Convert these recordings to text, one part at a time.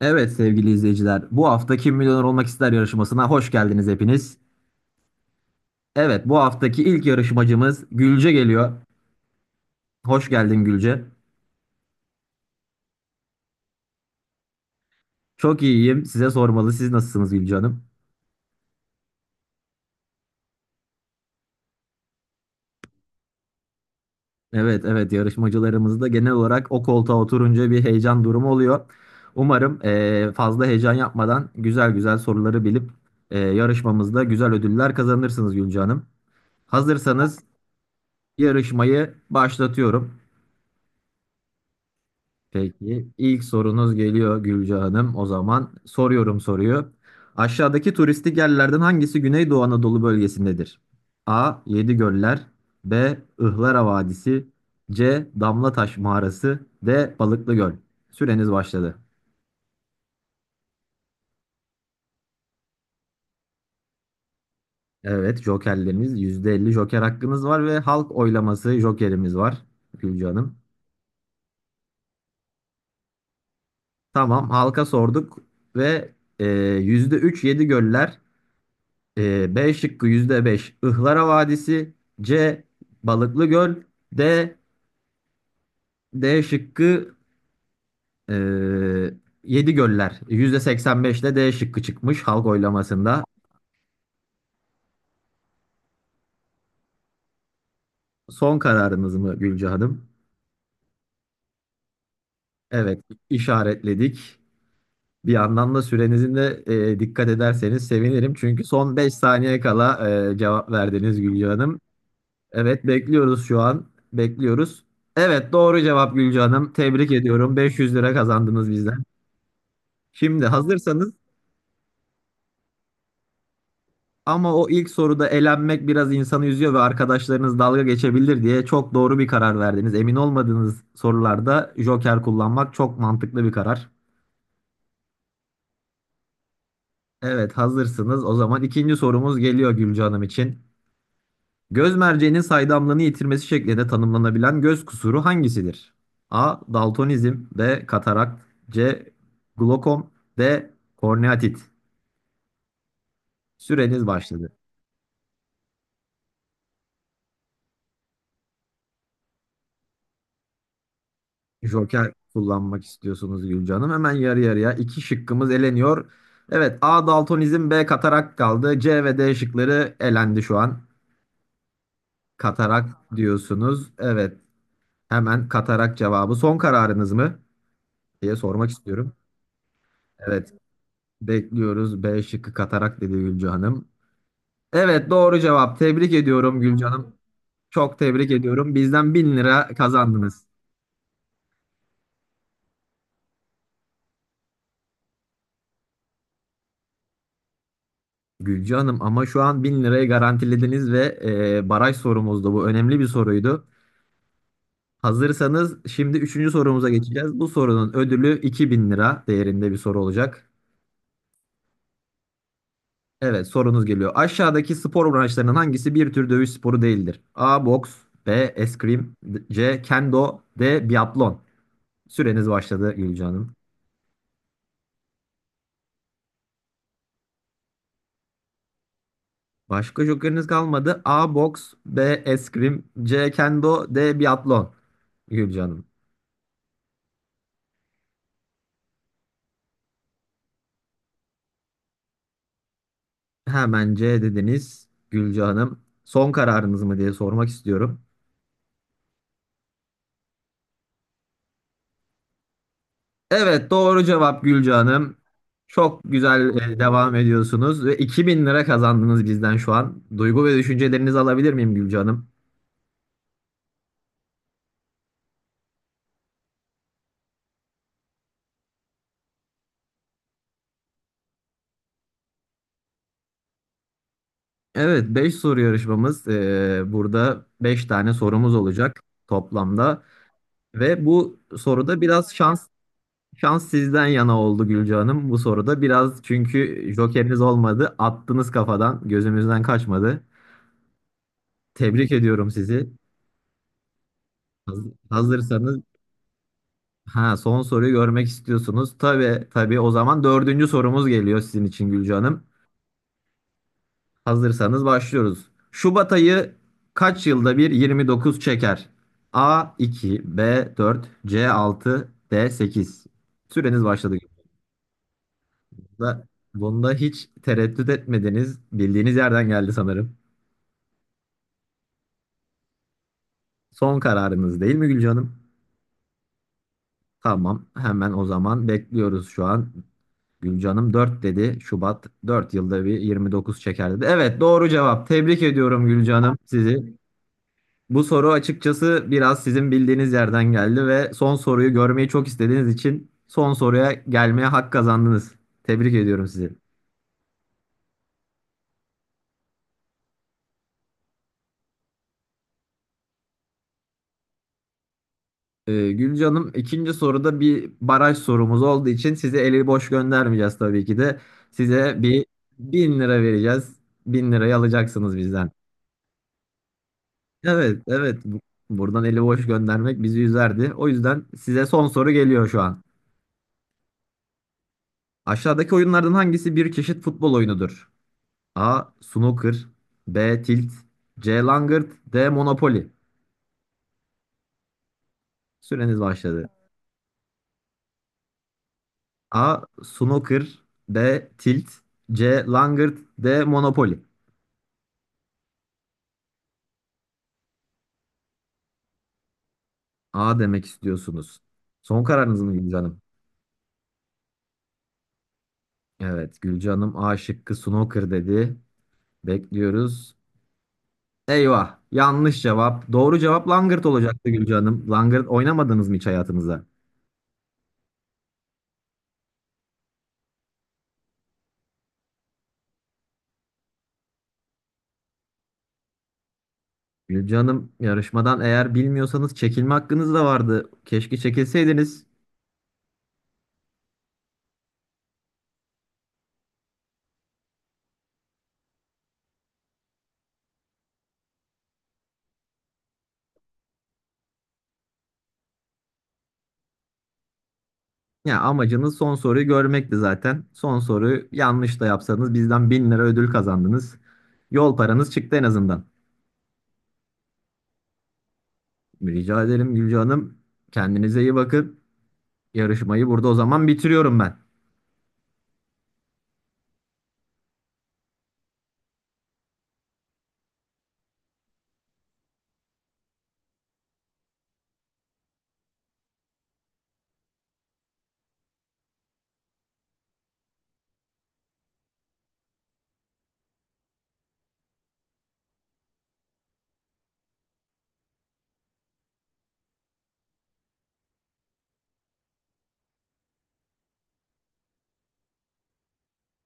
Evet sevgili izleyiciler, bu hafta Kim Milyoner Olmak İster yarışmasına hoş geldiniz hepiniz. Evet, bu haftaki ilk yarışmacımız Gülce geliyor. Hoş geldin Gülce. Çok iyiyim. Size sormalı. Siz nasılsınız Gülce Hanım? Evet, evet yarışmacılarımızda genel olarak o koltuğa oturunca bir heyecan durumu oluyor. Umarım fazla heyecan yapmadan güzel güzel soruları bilip yarışmamızda güzel ödüller kazanırsınız Gülce Hanım. Hazırsanız yarışmayı başlatıyorum. Peki ilk sorunuz geliyor Gülce Hanım. O zaman soruyorum soruyu. Aşağıdaki turistik yerlerden hangisi Güneydoğu Anadolu bölgesindedir? A. Yedigöller, B. Ihlara Vadisi, C. Damlataş Mağarası, D. Balıklı Göl. Süreniz başladı. Evet, jokerleriniz, %50 joker hakkınız var ve halk oylaması jokerimiz var Gülce Hanım. Tamam, halka sorduk ve %3 Yedigöller, B şıkkı %5, Ihlara Vadisi. C. Balıklı Göl. D. D şıkkı e, Yedi Göller. %85'le D şıkkı çıkmış halk oylamasında. Son kararınız mı Gülce Hanım? Evet, işaretledik. Bir yandan da sürenizin de dikkat ederseniz sevinirim. Çünkü son 5 saniye kala cevap verdiniz Gülce Hanım. Evet, bekliyoruz şu an. Bekliyoruz. Evet, doğru cevap Gülce Hanım. Tebrik ediyorum. Beş yüz lira kazandınız bizden. Şimdi hazırsanız ama o ilk soruda elenmek biraz insanı üzüyor ve arkadaşlarınız dalga geçebilir diye çok doğru bir karar verdiniz. Emin olmadığınız sorularda joker kullanmak çok mantıklı bir karar. Evet, hazırsınız. O zaman ikinci sorumuz geliyor Gülce Hanım için. Göz merceğinin saydamlığını yitirmesi şeklinde tanımlanabilen göz kusuru hangisidir? A. Daltonizm, B. Katarakt, C. Glokom, D. Korneatit. Süreniz başladı. Joker kullanmak istiyorsunuz Gülce Hanım. Hemen yarı yarıya iki şıkkımız eleniyor. Evet, A daltonizm, B katarak kaldı. C ve D şıkları elendi şu an. Katarak diyorsunuz. Evet, hemen katarak cevabı. Son kararınız mı diye sormak istiyorum. Evet, bekliyoruz. B şıkkı katarak dedi Gülce Hanım. Evet, doğru cevap. Tebrik ediyorum Gülce Hanım. Çok tebrik ediyorum. Bizden 1.000 lira kazandınız. Gülce Hanım, ama şu an 1.000 lirayı garantilediniz ve baraj sorumuzdu. Bu önemli bir soruydu. Hazırsanız şimdi üçüncü sorumuza geçeceğiz. Bu sorunun ödülü 2.000 lira değerinde bir soru olacak. Evet, sorunuz geliyor. Aşağıdaki spor branşlarının hangisi bir tür dövüş sporu değildir? A. Boks, B. Eskrim, C. Kendo, D. Biatlon. Süreniz başladı Gülce Hanım. Başka jokeriniz kalmadı. A. Boks, B. Eskrim, C. Kendo, D. Biatlon. Gülce Hanım. Hemen C dediniz Gülce Hanım. Son kararınız mı diye sormak istiyorum. Evet, doğru cevap Gülce Hanım. Çok güzel, devam ediyorsunuz ve 2.000 lira kazandınız bizden şu an. Duygu ve düşüncelerinizi alabilir miyim Gülce Hanım? Evet, 5 soru yarışmamız. Burada 5 tane sorumuz olacak toplamda. Ve bu soruda biraz şans şans sizden yana oldu Gülce Hanım. Bu soruda biraz, çünkü jokeriniz olmadı. Attınız, kafadan gözümüzden kaçmadı. Tebrik ediyorum sizi. Hazırsanız, ha, son soruyu görmek istiyorsunuz. Tabii tabii, o zaman dördüncü sorumuz geliyor sizin için Gülce Hanım. Hazırsanız başlıyoruz. Şubat ayı kaç yılda bir 29 çeker? A 2, B 4, C 6, D 8. Süreniz başladı. Bunda, bunda hiç tereddüt etmediniz. Bildiğiniz yerden geldi sanırım. Son kararınız değil mi Gülce Hanım? Tamam. Hemen o zaman bekliyoruz şu an. Gülcanım 4 dedi. Şubat 4 yılda bir 29 çeker dedi. Evet, doğru cevap. Tebrik ediyorum Gülcanım sizi. Bu soru açıkçası biraz sizin bildiğiniz yerden geldi ve son soruyu görmeyi çok istediğiniz için son soruya gelmeye hak kazandınız. Tebrik ediyorum sizi. Gülcanım, ikinci soruda bir baraj sorumuz olduğu için size eli boş göndermeyeceğiz tabii ki de. Size bin lira vereceğiz. 1.000 lirayı alacaksınız bizden. Evet, evet. Buradan eli boş göndermek bizi üzerdi. O yüzden size son soru geliyor şu an. Aşağıdaki oyunlardan hangisi bir çeşit futbol oyunudur? A. Snooker, B. Tilt, C. Langırt, D. Monopoly. Süreniz başladı. A. Snooker, B. Tilt, C. Langırt, D. Monopoly. A demek istiyorsunuz. Son kararınız mı Gülcan Hanım? Evet, Gülcan Hanım A şıkkı snooker dedi. Bekliyoruz. Eyvah. Yanlış cevap. Doğru cevap langırt olacaktı Gülce Hanım. Langırt oynamadınız mı hiç hayatınızda? Gülce Hanım, yarışmadan eğer bilmiyorsanız çekilme hakkınız da vardı. Keşke çekilseydiniz. Ya amacınız son soruyu görmekti zaten. Son soruyu yanlış da yapsanız bizden 1.000 lira ödül kazandınız. Yol paranız çıktı en azından. Rica ederim Gülce Hanım. Kendinize iyi bakın. Yarışmayı burada o zaman bitiriyorum ben.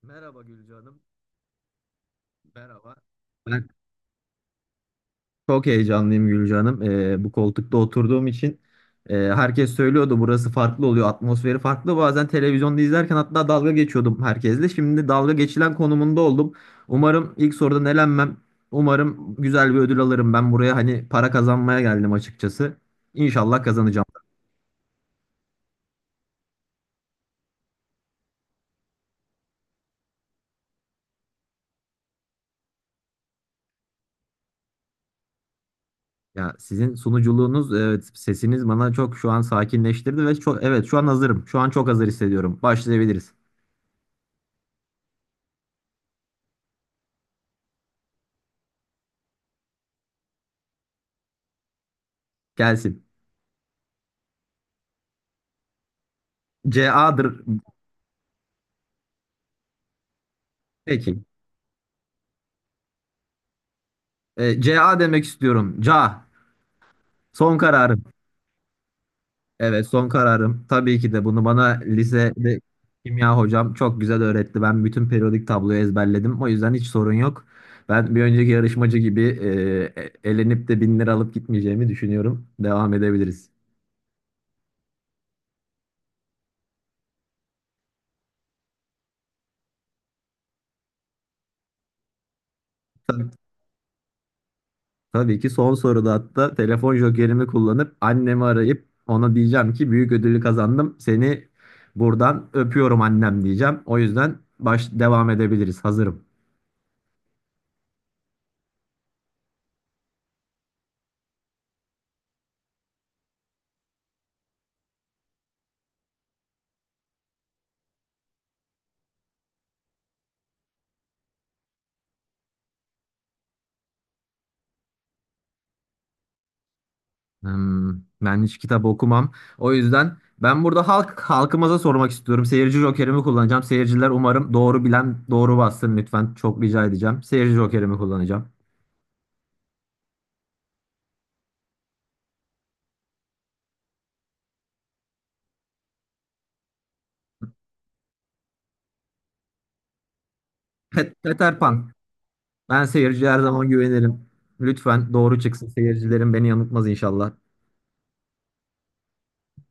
Merhaba Gülce Hanım. Merhaba. Ben Çok heyecanlıyım Gülce Hanım. Bu koltukta oturduğum için herkes söylüyordu burası farklı oluyor, atmosferi farklı. Bazen televizyonda izlerken hatta dalga geçiyordum herkesle. Şimdi dalga geçilen konumunda oldum. Umarım ilk sorudan elenmem. Umarım güzel bir ödül alırım. Ben buraya hani para kazanmaya geldim açıkçası. İnşallah kazanacağım. Ya sizin sunuculuğunuz, evet, sesiniz bana çok şu an sakinleştirdi ve çok, evet, şu an hazırım. Şu an çok hazır hissediyorum. Başlayabiliriz. Gelsin. CA'dır. Peki. CA demek istiyorum. CA. Son kararım. Evet, son kararım. Tabii ki de bunu bana lisede kimya hocam çok güzel öğretti. Ben bütün periyodik tabloyu ezberledim. O yüzden hiç sorun yok. Ben bir önceki yarışmacı gibi elenip de 1.000 lira alıp gitmeyeceğimi düşünüyorum. Devam edebiliriz. Tabii, tabii ki son soruda hatta telefon jokerimi kullanıp annemi arayıp ona diyeceğim ki büyük ödülü kazandım. Seni buradan öpüyorum annem diyeceğim. O yüzden devam edebiliriz. Hazırım. Hmm, Ben hiç kitap okumam. O yüzden ben burada halkımıza sormak istiyorum. Seyirci jokerimi kullanacağım. Seyirciler umarım doğru bilen doğru bassın lütfen. Çok rica edeceğim. Seyirci jokerimi kullanacağım. Peter Pan. Ben seyirciye her zaman güvenirim. Lütfen doğru çıksın. Seyircilerim beni yanıltmaz inşallah.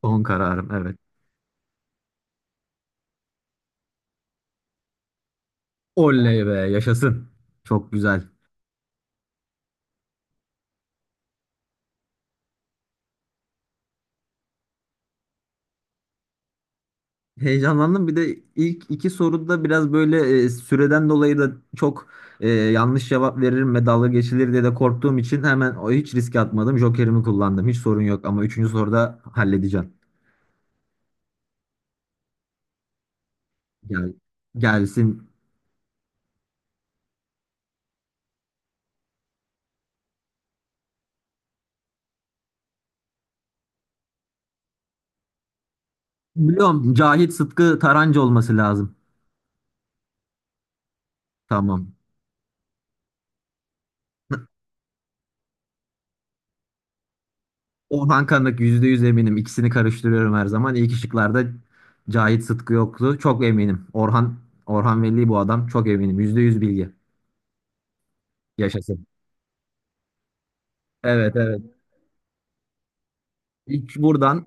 Son kararım, evet. Oley be, yaşasın. Çok güzel. Heyecanlandım. Bir de ilk iki soruda biraz böyle süreden dolayı da çok yanlış cevap veririm ve dalga geçilir diye de korktuğum için hemen o hiç riske atmadım. Jokerimi kullandım. Hiç sorun yok, ama üçüncü soruda halledeceğim. Gel, gelsin. Biliyorum, Cahit Sıtkı Tarancı olması lazım. Tamam. Orhan Kanık, %100 eminim. İkisini karıştırıyorum her zaman. İlk şıklarda Cahit Sıtkı yoktu. Çok eminim. Orhan Veli bu adam. Çok eminim. %100 bilgi. Yaşasın. Evet, evet. İlk buradan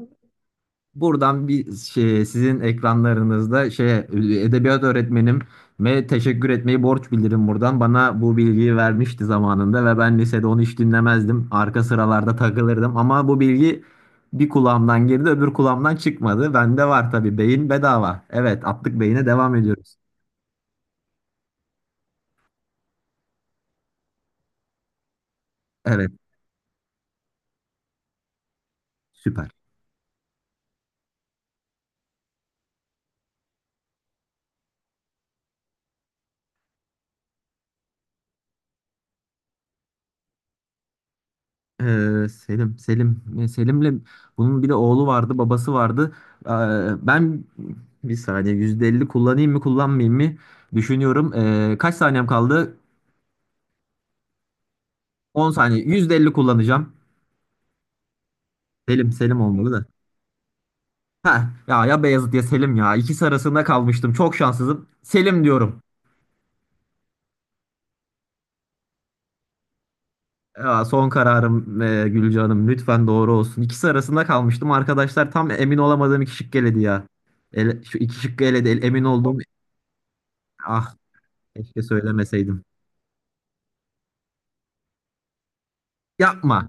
Buradan bir şey, sizin ekranlarınızda şey, edebiyat öğretmenime teşekkür etmeyi borç bilirim buradan. Bana bu bilgiyi vermişti zamanında ve ben lisede onu hiç dinlemezdim. Arka sıralarda takılırdım ama bu bilgi bir kulağımdan girdi, öbür kulağımdan çıkmadı. Bende var tabii, beyin bedava. Evet, attık beyine, devam ediyoruz. Evet, süper. Selim'le bunun bir de oğlu vardı, babası vardı. Ee, Ben bir saniye %50 kullanayım mı, kullanmayayım mı düşünüyorum. Kaç saniyem kaldı? 10 saniye. %50 kullanacağım. Selim olmalı da. Ha, ya ya Beyazıt ya Selim ya. İkisi arasında kalmıştım. Çok şanssızım. Selim diyorum. Ya, son kararım Gülce Hanım. Lütfen doğru olsun. İkisi arasında kalmıştım. Arkadaşlar tam emin olamadığım iki şık eledi ya. Şu iki şıkkı eledi. Emin olduğum. Ah. Keşke söylemeseydim. Yapma.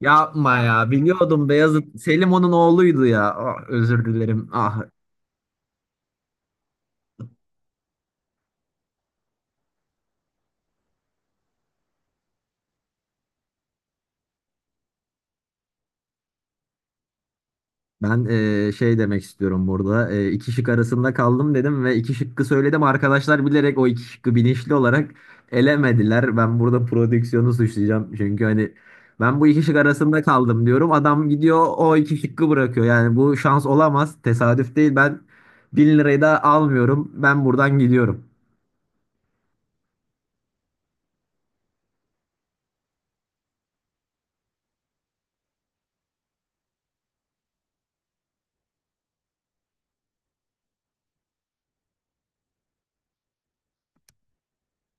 Yapma ya. Biliyordum, Beyazıt. Selim onun oğluydu ya. Ah, özür dilerim. Ah. Ben şey demek istiyorum burada. İki şık arasında kaldım dedim ve iki şıkkı söyledim. Arkadaşlar bilerek o iki şıkkı bilinçli olarak elemediler. Ben burada prodüksiyonu suçlayacağım. Çünkü hani ben bu iki şık arasında kaldım diyorum. Adam gidiyor o iki şıkkı bırakıyor. Yani bu şans olamaz. Tesadüf değil. Ben 1.000 lirayı da almıyorum. Ben buradan gidiyorum.